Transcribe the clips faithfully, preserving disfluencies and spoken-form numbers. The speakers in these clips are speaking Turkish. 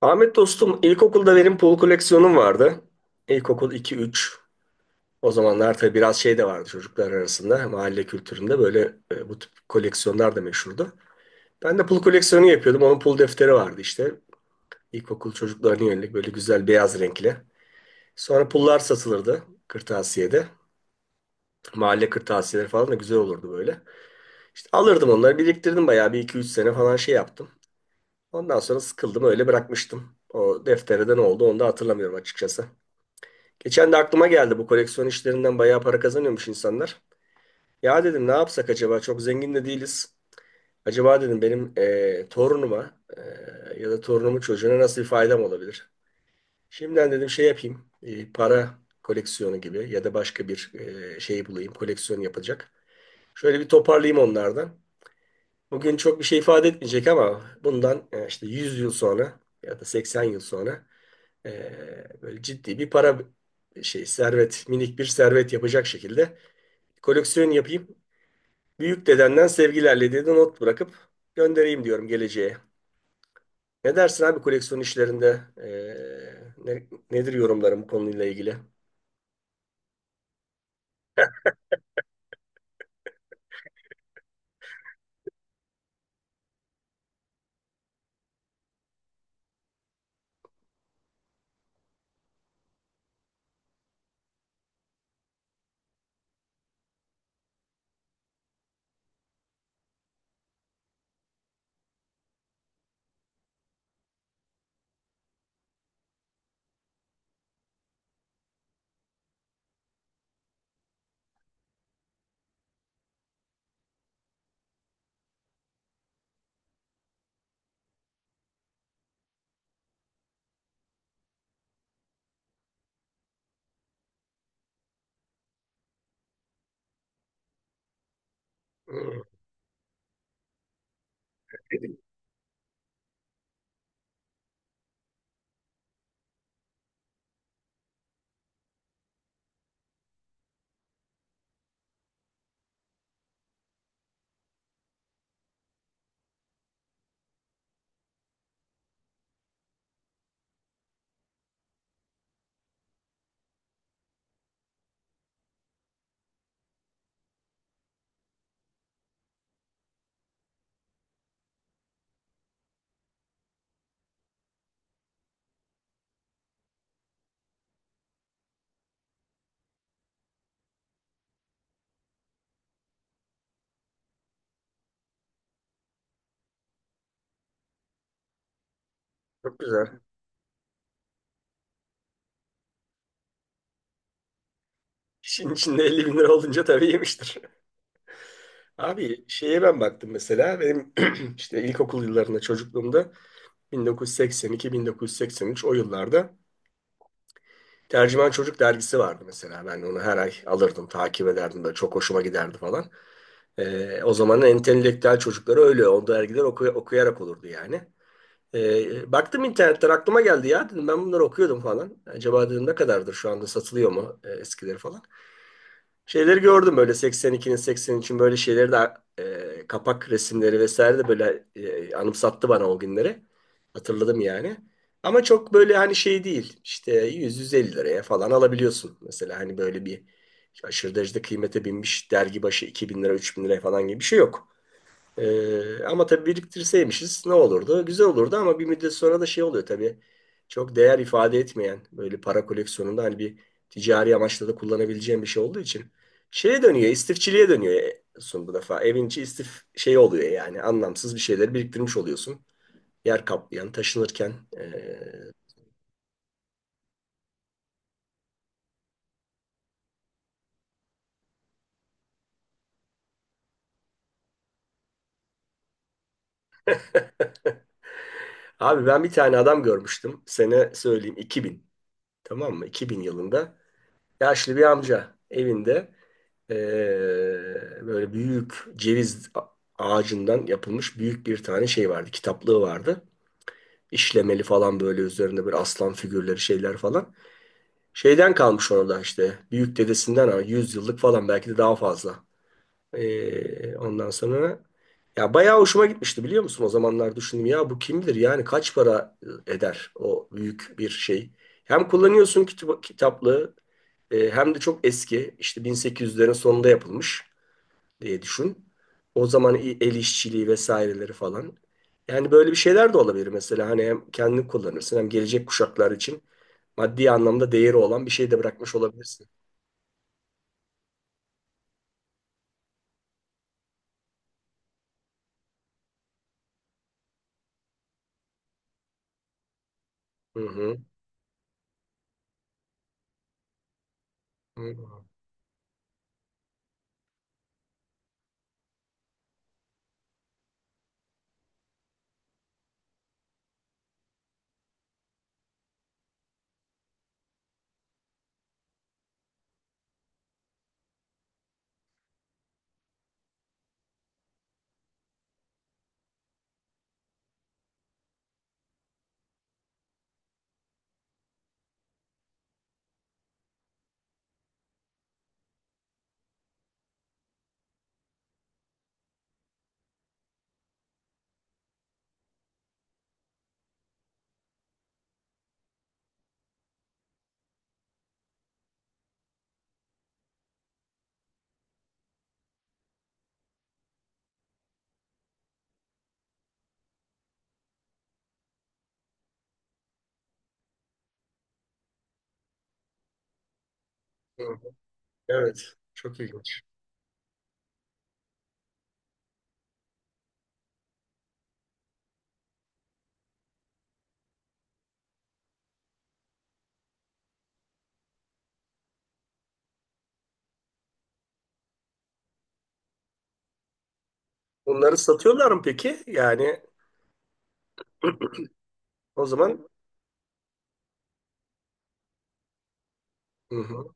Ahmet dostum, ilkokulda benim pul koleksiyonum vardı. İlkokul iki üç. O zamanlar tabii biraz şey de vardı çocuklar arasında. Mahalle kültüründe böyle e, bu tip koleksiyonlar da meşhurdu. Ben de pul koleksiyonu yapıyordum. Onun pul defteri vardı işte. İlkokul çocuklarına yönelik böyle güzel beyaz renkli. Sonra pullar satılırdı kırtasiyede. Mahalle kırtasiyeleri falan da güzel olurdu böyle. İşte alırdım onları, biriktirdim bayağı bir iki üç sene falan şey yaptım. Ondan sonra sıkıldım, öyle bırakmıştım. O deftere de ne oldu, onu da hatırlamıyorum açıkçası. Geçen de aklıma geldi, bu koleksiyon işlerinden bayağı para kazanıyormuş insanlar. Ya dedim, ne yapsak acaba, çok zengin de değiliz. Acaba dedim benim eee, torunuma eee, ya da torunumun çocuğuna nasıl bir faydam olabilir? Şimdiden dedim şey yapayım, eee, para koleksiyonu gibi ya da başka bir eee, şey bulayım koleksiyon yapacak. Şöyle bir toparlayayım onlardan. Bugün çok bir şey ifade etmeyecek, ama bundan eee, işte yüz yıl sonra ya da seksen yıl sonra, e, böyle ciddi bir para, şey, servet, minik bir servet yapacak şekilde koleksiyon yapayım. Büyük dedenden sevgilerle dedi, not bırakıp göndereyim diyorum geleceğe. Ne dersin abi koleksiyon işlerinde? E, ne- nedir yorumların bu konuyla ilgili? Hmm, çok güzel. İşin içinde elli bin lira olunca tabii yemiştir. Abi şeye ben baktım mesela, benim işte ilkokul yıllarında, çocukluğumda, bin dokuz yüz seksen iki-bin dokuz yüz seksen üç o yıllarda Tercüman Çocuk dergisi vardı mesela. Ben onu her ay alırdım, takip ederdim. Böyle çok hoşuma giderdi falan. Ee, o zamanın entelektüel çocukları öyle. O dergiler oku- okuyarak olurdu yani. Ee, baktım internetten, aklıma geldi, ya dedim ben bunları okuyordum falan. Acaba dedim ne kadardır, şu anda satılıyor mu e, eskileri falan. Şeyleri gördüm böyle, seksen ikinin seksen üçün böyle şeyleri de, e, kapak resimleri vesaire de böyle e, anımsattı bana o günleri. Hatırladım yani. Ama çok böyle hani şey değil. İşte yüz yüz elli liraya falan alabiliyorsun. Mesela hani böyle bir aşırı derecede kıymete binmiş, dergi başı iki bin lira, üç bin liraya falan gibi bir şey yok. Ee, ama tabii biriktirseymişiz ne olurdu? Güzel olurdu, ama bir müddet sonra da şey oluyor tabii. Çok değer ifade etmeyen böyle para koleksiyonunda, hani bir ticari amaçla da kullanabileceğim bir şey olduğu için şeye dönüyor, istifçiliğe dönüyor e, son bu defa. Evin içi istif şey oluyor yani, anlamsız bir şeyleri biriktirmiş oluyorsun. Yer kaplayan, taşınırken. ee. Abi ben bir tane adam görmüştüm. Sene söyleyeyim, iki bin. Tamam mı? iki bin yılında yaşlı bir amca evinde, eee, böyle büyük ceviz ağacından yapılmış büyük bir tane şey vardı. Kitaplığı vardı. İşlemeli falan, böyle üzerinde bir aslan figürleri, şeyler falan. Şeyden kalmış orada işte, büyük dedesinden, ama yüz yıllık falan, belki de daha fazla. Ee, ondan sonra, ya bayağı hoşuma gitmişti, biliyor musun? O zamanlar düşündüm, ya bu kimdir? Yani kaç para eder o büyük bir şey? Hem kullanıyorsun kitap, kitaplığı, e, hem de çok eski, işte bin sekiz yüzlerin sonunda yapılmış diye düşün. O zaman i- el işçiliği vesaireleri falan. Yani böyle bir şeyler de olabilir mesela, hani hem kendini kullanırsın, hem gelecek kuşaklar için maddi anlamda değeri olan bir şey de bırakmış olabilirsin. Hı hı. Hı hı. Hı hı. Evet, çok ilginç. Bunları satıyorlar mı peki? Yani o zaman. Hı hı.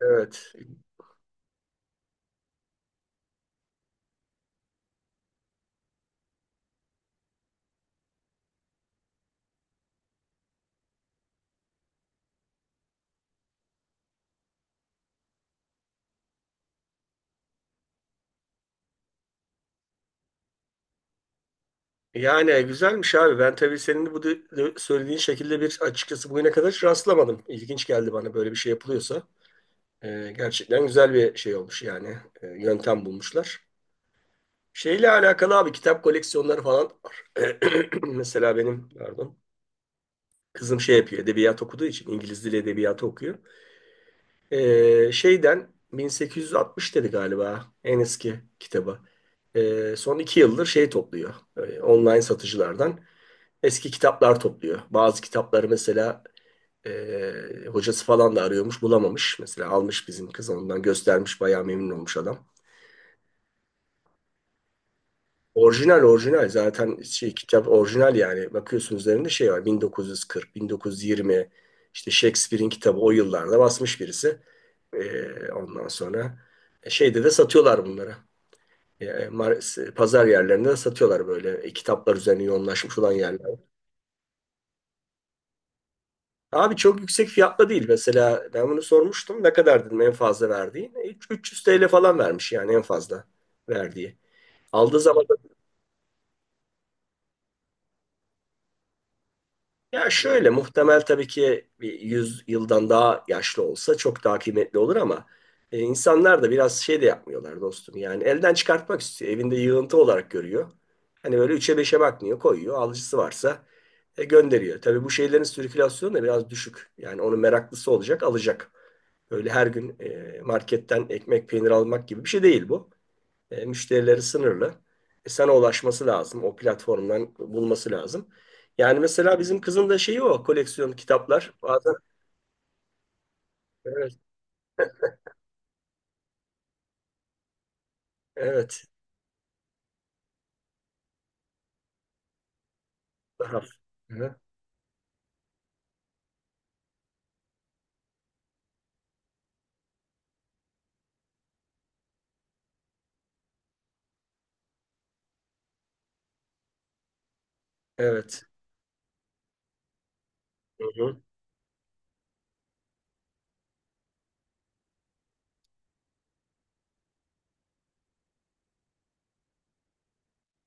Evet. Yani güzelmiş abi. Ben tabii senin bu de- de- söylediğin şekilde bir, açıkçası bugüne kadar hiç rastlamadım. İlginç geldi bana böyle bir şey yapılıyorsa. Ee, gerçekten güzel bir şey olmuş yani. Ee, yöntem bulmuşlar. Şeyle alakalı abi, kitap koleksiyonları falan var. Mesela benim, pardon. Kızım şey yapıyor. Edebiyat okuduğu için, İngiliz dili edebiyatı okuyor. Ee, şeyden bin sekiz yüz altmış dedi galiba en eski kitabı. Ee, son iki yıldır şey topluyor. E, online satıcılardan eski kitaplar topluyor. Bazı kitapları mesela e, hocası falan da arıyormuş, bulamamış. Mesela almış bizim kız, ondan göstermiş, bayağı memnun olmuş adam. Orijinal, orijinal zaten şey, kitap orijinal yani, bakıyorsun üzerinde şey var, bin dokuz yüz kırk, bin dokuz yüz yirmi, işte Shakespeare'in kitabı o yıllarda basmış birisi. E, ondan sonra e, şeyde de satıyorlar bunları. E, e, mar- pazar yerlerinde de satıyorlar, böyle e, kitaplar üzerine yoğunlaşmış olan yerler. Abi çok yüksek fiyatla değil mesela, ben bunu sormuştum ne kadar dedim en fazla verdiği. E, üç- 300 T L falan vermiş, yani en fazla verdiği. Aldığı zaman, ya şöyle muhtemel tabii ki, bir yüz yıldan daha yaşlı olsa çok daha kıymetli olur, ama e, insanlar da biraz şey de yapmıyorlar dostum. Yani elden çıkartmak istiyor. Evinde yığıntı olarak görüyor. Hani böyle üçe beşe bakmıyor, koyuyor. Alıcısı varsa e, gönderiyor. Tabii bu şeylerin sirkülasyonu da biraz düşük. Yani onun meraklısı olacak, alacak. Böyle her gün e, marketten ekmek, peynir almak gibi bir şey değil bu. E, müşterileri sınırlı. E, sana ulaşması lazım. O platformdan bulması lazım. Yani mesela bizim kızın da şeyi o. Koleksiyon kitaplar. Bazen evet. Evet. Daha. Hı. Evet. Hı hı.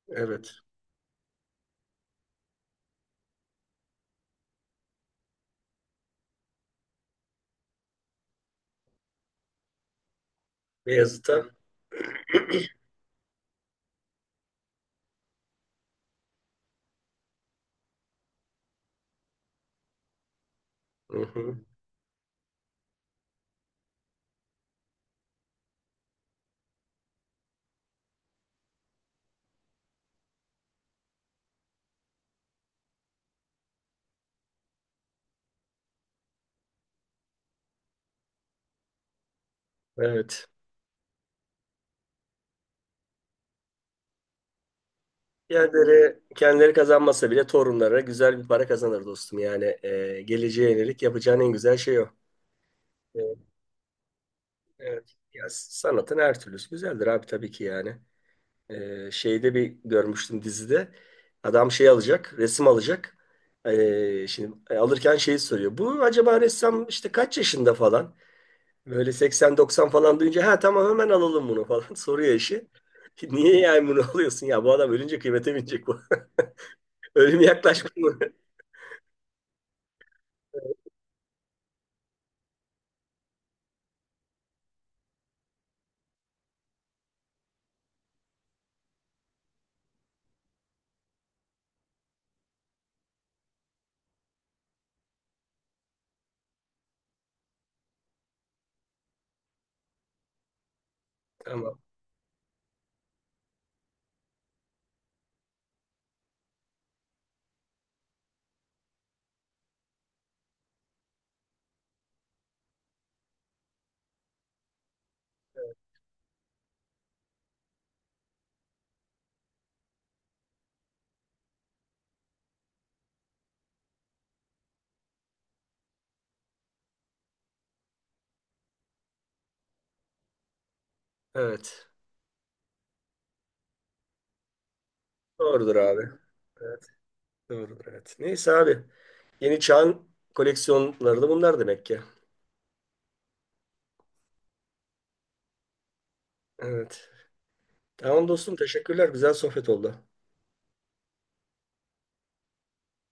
Evet. Beyazıt'a. Hı hı. Evet. Kendileri, kendileri kazanmasa bile torunlara güzel bir para kazanır dostum. Yani e, geleceğe yönelik yapacağın en güzel şey o. Evet. Evet. Ya, sanatın her türlüsü güzeldir abi, tabii ki yani. Ee, şeyde bir görmüştüm dizide. Adam şey alacak, resim alacak. Ee, şimdi e, alırken şeyi soruyor. Bu acaba ressam işte kaç yaşında falan? Böyle seksen doksan falan duyunca, ha tamam hemen alalım bunu falan, soruyor eşi. Niye yani bunu alıyorsun ya, bu adam ölünce kıymete binecek bu. Ölüm yaklaşmış mı? Tamam. Evet. Doğrudur abi. Evet, doğrudur evet. Neyse abi. Yeni çağın koleksiyonları da bunlar demek ki. Evet. Tamam dostum, teşekkürler. Güzel sohbet oldu.